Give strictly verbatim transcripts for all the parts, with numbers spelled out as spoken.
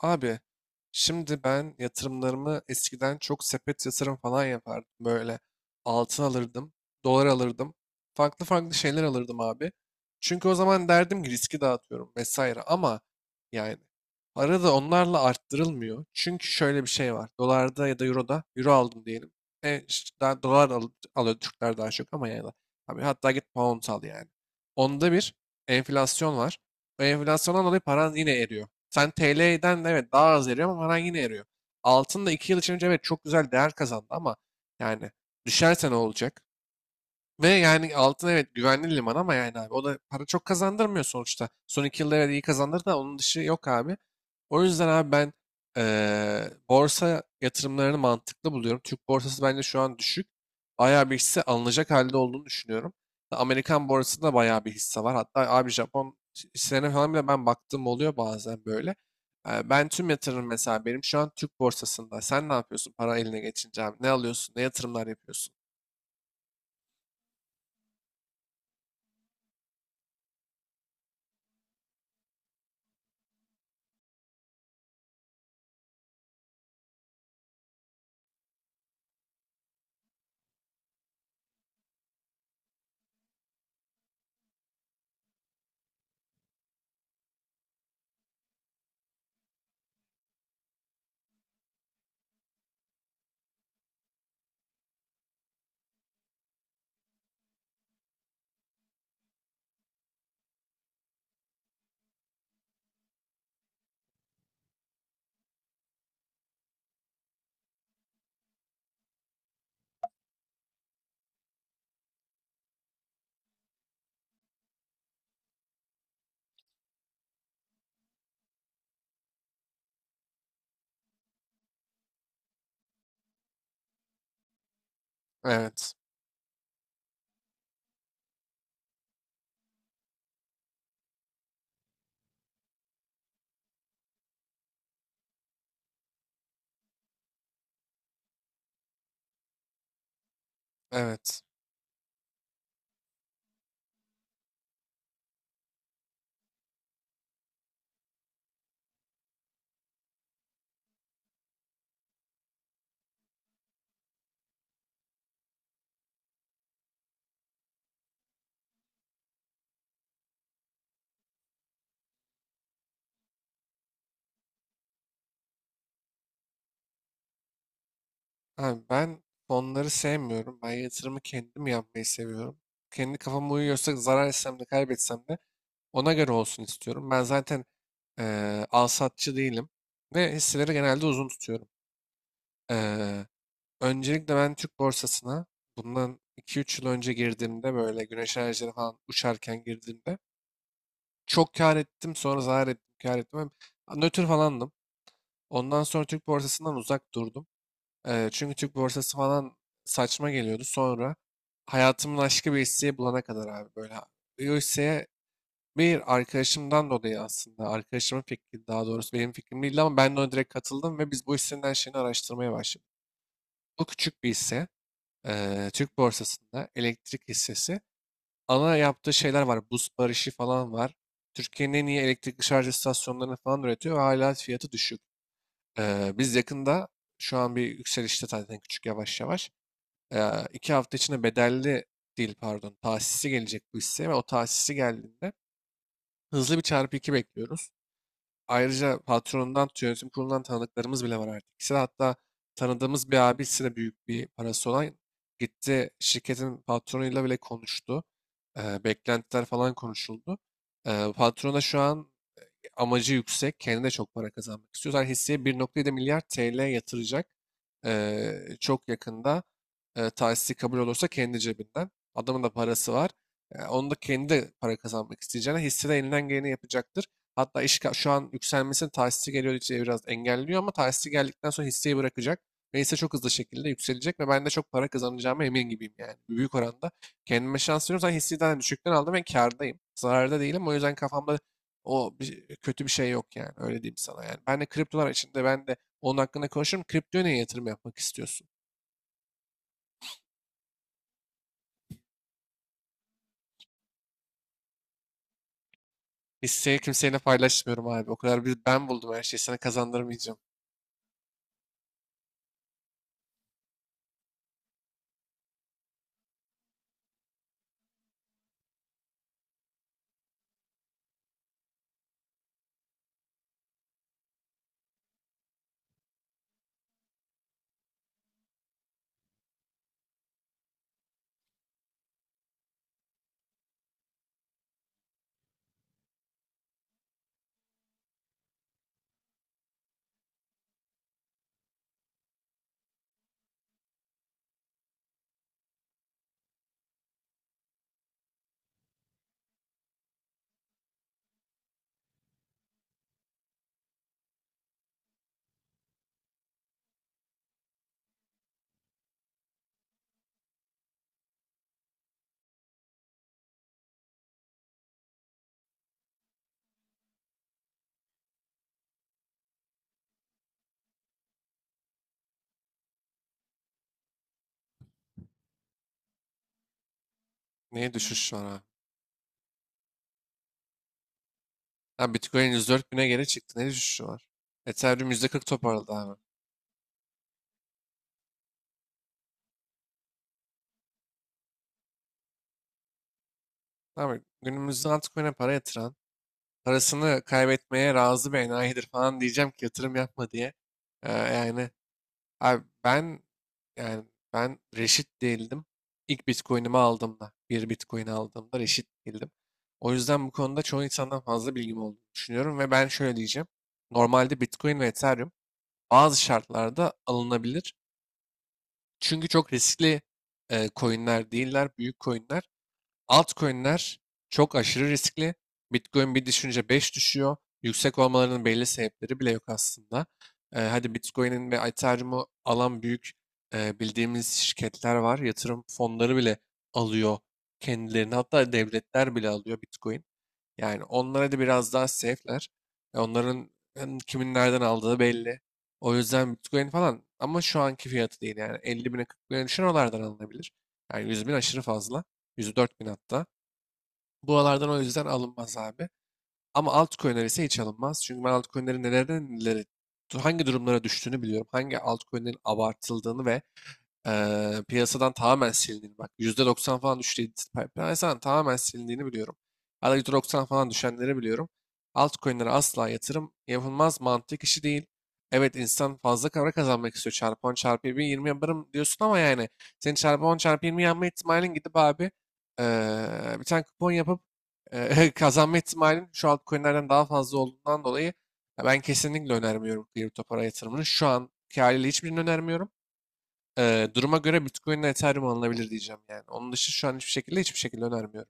Abi şimdi ben yatırımlarımı eskiden çok sepet yatırım falan yapardım. Böyle altın alırdım, dolar alırdım. Farklı farklı şeyler alırdım abi. Çünkü o zaman derdim ki riski dağıtıyorum vesaire. Ama yani para da onlarla arttırılmıyor. Çünkü şöyle bir şey var. Dolarda ya da euroda euro aldım diyelim. E, ş- daha dolar al- alıyor Türkler daha çok ama yani. Abi hatta git pound al yani. Onda bir enflasyon var. O enflasyondan dolayı paran yine eriyor. Sen T L'den de, evet, daha az eriyor ama paran yine eriyor. Altın da iki yıl içinde, evet, çok güzel değer kazandı ama yani düşerse ne olacak? Ve yani altın, evet, güvenli liman ama yani abi o da para çok kazandırmıyor sonuçta. Son iki yılda, evet, iyi kazandırdı da onun dışı yok abi. O yüzden abi ben eee, borsa yatırımlarını mantıklı buluyorum. Türk borsası bence şu an düşük. Bayağı bir hisse alınacak halde olduğunu düşünüyorum. Amerikan borsasında bayağı bir hisse var. Hatta abi Japon hisselerine falan bile ben baktığım oluyor bazen böyle. Eee, ben tüm yatırım mesela benim şu an Türk borsasında. Sen ne yapıyorsun para eline geçince abi? Ne alıyorsun? Ne yatırımlar yapıyorsun? Evet. Evet. Abi ben fonları sevmiyorum. Ben yatırımı kendim yapmayı seviyorum. Kendi kafama uyuyorsa zarar etsem de kaybetsem de ona göre olsun istiyorum. Ben zaten eee al satçı değilim ve hisseleri genelde uzun tutuyorum. Eee, öncelikle ben Türk borsasına bundan iki üç yıl önce girdiğimde böyle güneş enerjileri falan uçarken girdiğimde çok kar ettim, sonra zarar ettim, kar ettim. Hem nötr falandım. Ondan sonra Türk borsasından uzak durdum. Eee, çünkü Türk borsası falan saçma geliyordu. Sonra hayatımın aşkı bir hisseyi bulana kadar abi böyle. O hisseye bir arkadaşımdan dolayı aslında. Arkadaşımın fikri, daha doğrusu benim fikrim değildi ama ben de ona direkt katıldım ve biz bu hissenin her şeyini araştırmaya başladık. Bu küçük bir hisse. eee, Türk borsasında elektrik hissesi. Ana yaptığı şeyler var. Buz barışı falan var. Türkiye'nin en iyi elektrikli şarj istasyonlarını falan üretiyor ve hala fiyatı düşük. Eee, biz yakında, şu an bir yükselişte zaten, küçük yavaş yavaş e, iki hafta içinde bedelli değil, pardon, tahsisi gelecek bu hisseye ve o tahsisi geldiğinde hızlı bir çarpı iki bekliyoruz. Ayrıca patronundan tut, yönetim kurulundan tanıdıklarımız bile var artık. İkisi de hatta, tanıdığımız bir abisi de büyük bir parası olan, gitti şirketin patronuyla bile konuştu. E, beklentiler falan konuşuldu. E, patron da şu an amacı yüksek. Kendine çok para kazanmak istiyor. Zaten hisseye bir nokta yedi milyar T L yatıracak. Eee, çok yakında e, tahsisi kabul olursa kendi cebinden. Adamın da parası var. E, onu da, kendi de para kazanmak isteyeceğine, hisse elinden geleni yapacaktır. Hatta iş ka- şu an yükselmesinin, tahsisi geliyor diye biraz engelliyor, ama tahsisi geldikten sonra hisseyi bırakacak. Ve hisse çok hızlı şekilde yükselecek ve ben de çok para kazanacağıma emin gibiyim yani. Büyük oranda kendime şans veriyorum. Zaten hisseyi daha düşükten aldım ve kârdayım. Zararda değilim. O yüzden kafamda o bir, kötü bir şey yok yani. Öyle diyeyim sana yani. Ben de kriptolar içinde ben de onun hakkında konuşurum. Kriptoya niye yatırım yapmak istiyorsun? Hisseyi kimseyle paylaşmıyorum abi. O kadar bir ben buldum her şeyi. Sana kazandırmayacağım. Neye düşüş var abi? Ha, Bitcoin yüz dört bine geri çıktı. Ne düşüşü var? Ethereum yüzde kırk toparladı abi. Abi günümüzde altcoin'e para yatıran, parasını kaybetmeye razı bir enayidir falan diyeceğim ki yatırım yapma diye. Ee, yani abi ben Yani ben reşit değildim. İlk Bitcoin'imi aldığımda, bir Bitcoin aldığımda reşit değildim. O yüzden bu konuda çoğu insandan fazla bilgim olduğunu düşünüyorum ve ben şöyle diyeceğim. Normalde Bitcoin ve Ethereum bazı şartlarda alınabilir. Çünkü çok riskli e, coinler değiller, büyük coinler. Altcoin'ler çok aşırı riskli. Bitcoin bir düşünce beş düşüyor. Yüksek olmalarının belli sebepleri bile yok aslında. Ee, hadi Bitcoin'in ve Ethereum'u alan büyük e, bildiğimiz şirketler var. Yatırım fonları bile alıyor kendilerini. Hatta devletler bile alıyor Bitcoin. Yani onlara da biraz daha safe'ler. E, Onların hem kimin nereden aldığı belli. O yüzden Bitcoin falan, ama şu anki fiyatı değil, yani elli bine, kırk bine düşen oralardan alınabilir. Yani yüz bin aşırı fazla. yüz dört bin hatta. Buralardan o yüzden alınmaz abi. Ama altcoin'ler ise hiç alınmaz. Çünkü ben altcoin'lerin nelerden neleri, hangi durumlara düştüğünü biliyorum. Hangi altcoin'lerin abartıldığını ve eee, piyasadan tamamen silindiğini, bak yüzde doksan falan düştü, pi- piyasadan tamamen silindiğini biliyorum. Hatta yüzde doksan falan düşenleri biliyorum. Altcoin'lere asla yatırım yapılmaz, mantık işi değil. Evet, insan fazla para kazanmak istiyor. Çarpı on, çarpı yirmi yirmi yaparım diyorsun ama yani senin çarpı on, çarpı yirmi yapma ihtimalin, gidip abi eee, bir tane kupon yapıp eee, kazanma ihtimalin şu altcoin'lerden daha fazla olduğundan dolayı, ya ben kesinlikle önermiyorum kripto para yatırımını. Şu anki haliyle hiçbirini önermiyorum. Ee, duruma göre Bitcoin ile Ethereum alınabilir diyeceğim yani. Onun dışı şu an hiçbir şekilde, hiçbir şekilde önermiyorum.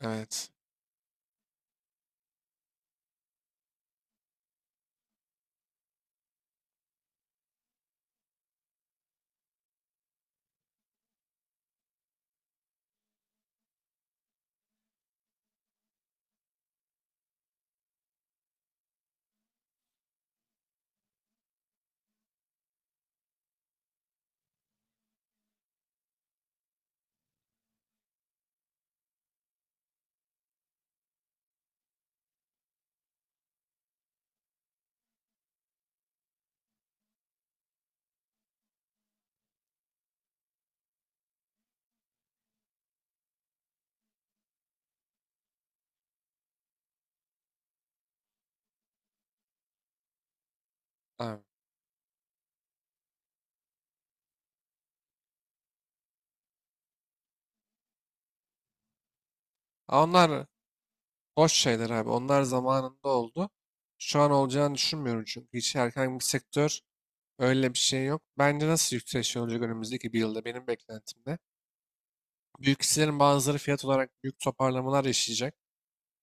Evet. Abi. Aa, onlar boş şeyler abi. Onlar zamanında oldu. Şu an olacağını düşünmüyorum çünkü. Hiç herhangi bir sektör, öyle bir şey yok. Bence nasıl yükseliş olacak önümüzdeki bir yılda benim beklentimde: büyük hisselerin bazıları fiyat olarak büyük toparlamalar yaşayacak.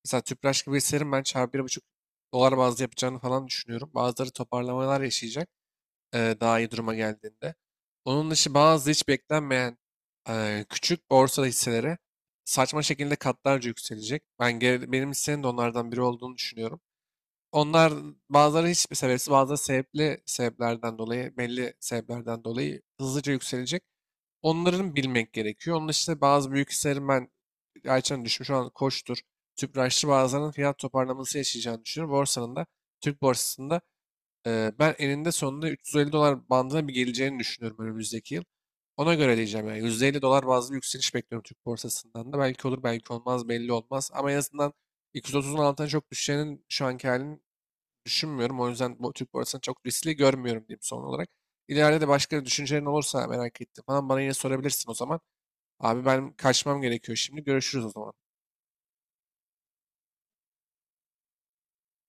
Mesela Tüpraş gibi hisselerin ben çarpı bir buçuk dolar bazlı yapacağını falan düşünüyorum. Bazıları toparlamalar yaşayacak, e, daha iyi duruma geldiğinde. Onun dışı bazı hiç beklenmeyen e, küçük borsa hisseleri saçma şekilde katlarca yükselecek. Ben geri- benim hissenin de onlardan biri olduğunu düşünüyorum. Onlar, bazıları hiçbir sebepsiz, bazıları sebepli sebeplerden dolayı, belli sebeplerden dolayı hızlıca yükselecek. Onların bilmek gerekiyor. Onun dışında bazı büyük hisselerin, ben Ayça'nın düşmüş olan Koç'tur, Tüpraş'tır, bazılarının fiyat toparlaması yaşayacağını düşünüyorum. Borsanın da, Türk borsasında ee, ben eninde sonunda üç yüz elli dolar bandına bir geleceğini düşünüyorum önümüzdeki yıl. Ona göre diyeceğim yani, yüzde elli dolar bazlı bir yükseliş bekliyorum Türk borsasından da. Belki olur, belki olmaz, belli olmaz. Ama en azından iki yüz otuzun altına çok düşeceğinin, şu anki halini düşünmüyorum. O yüzden bu Türk borsasını çok riskli görmüyorum diyeyim son olarak. İleride de başka düşüncelerin olursa, merak ettim falan, bana yine sorabilirsin o zaman. Abi ben kaçmam gerekiyor şimdi. Görüşürüz o zaman.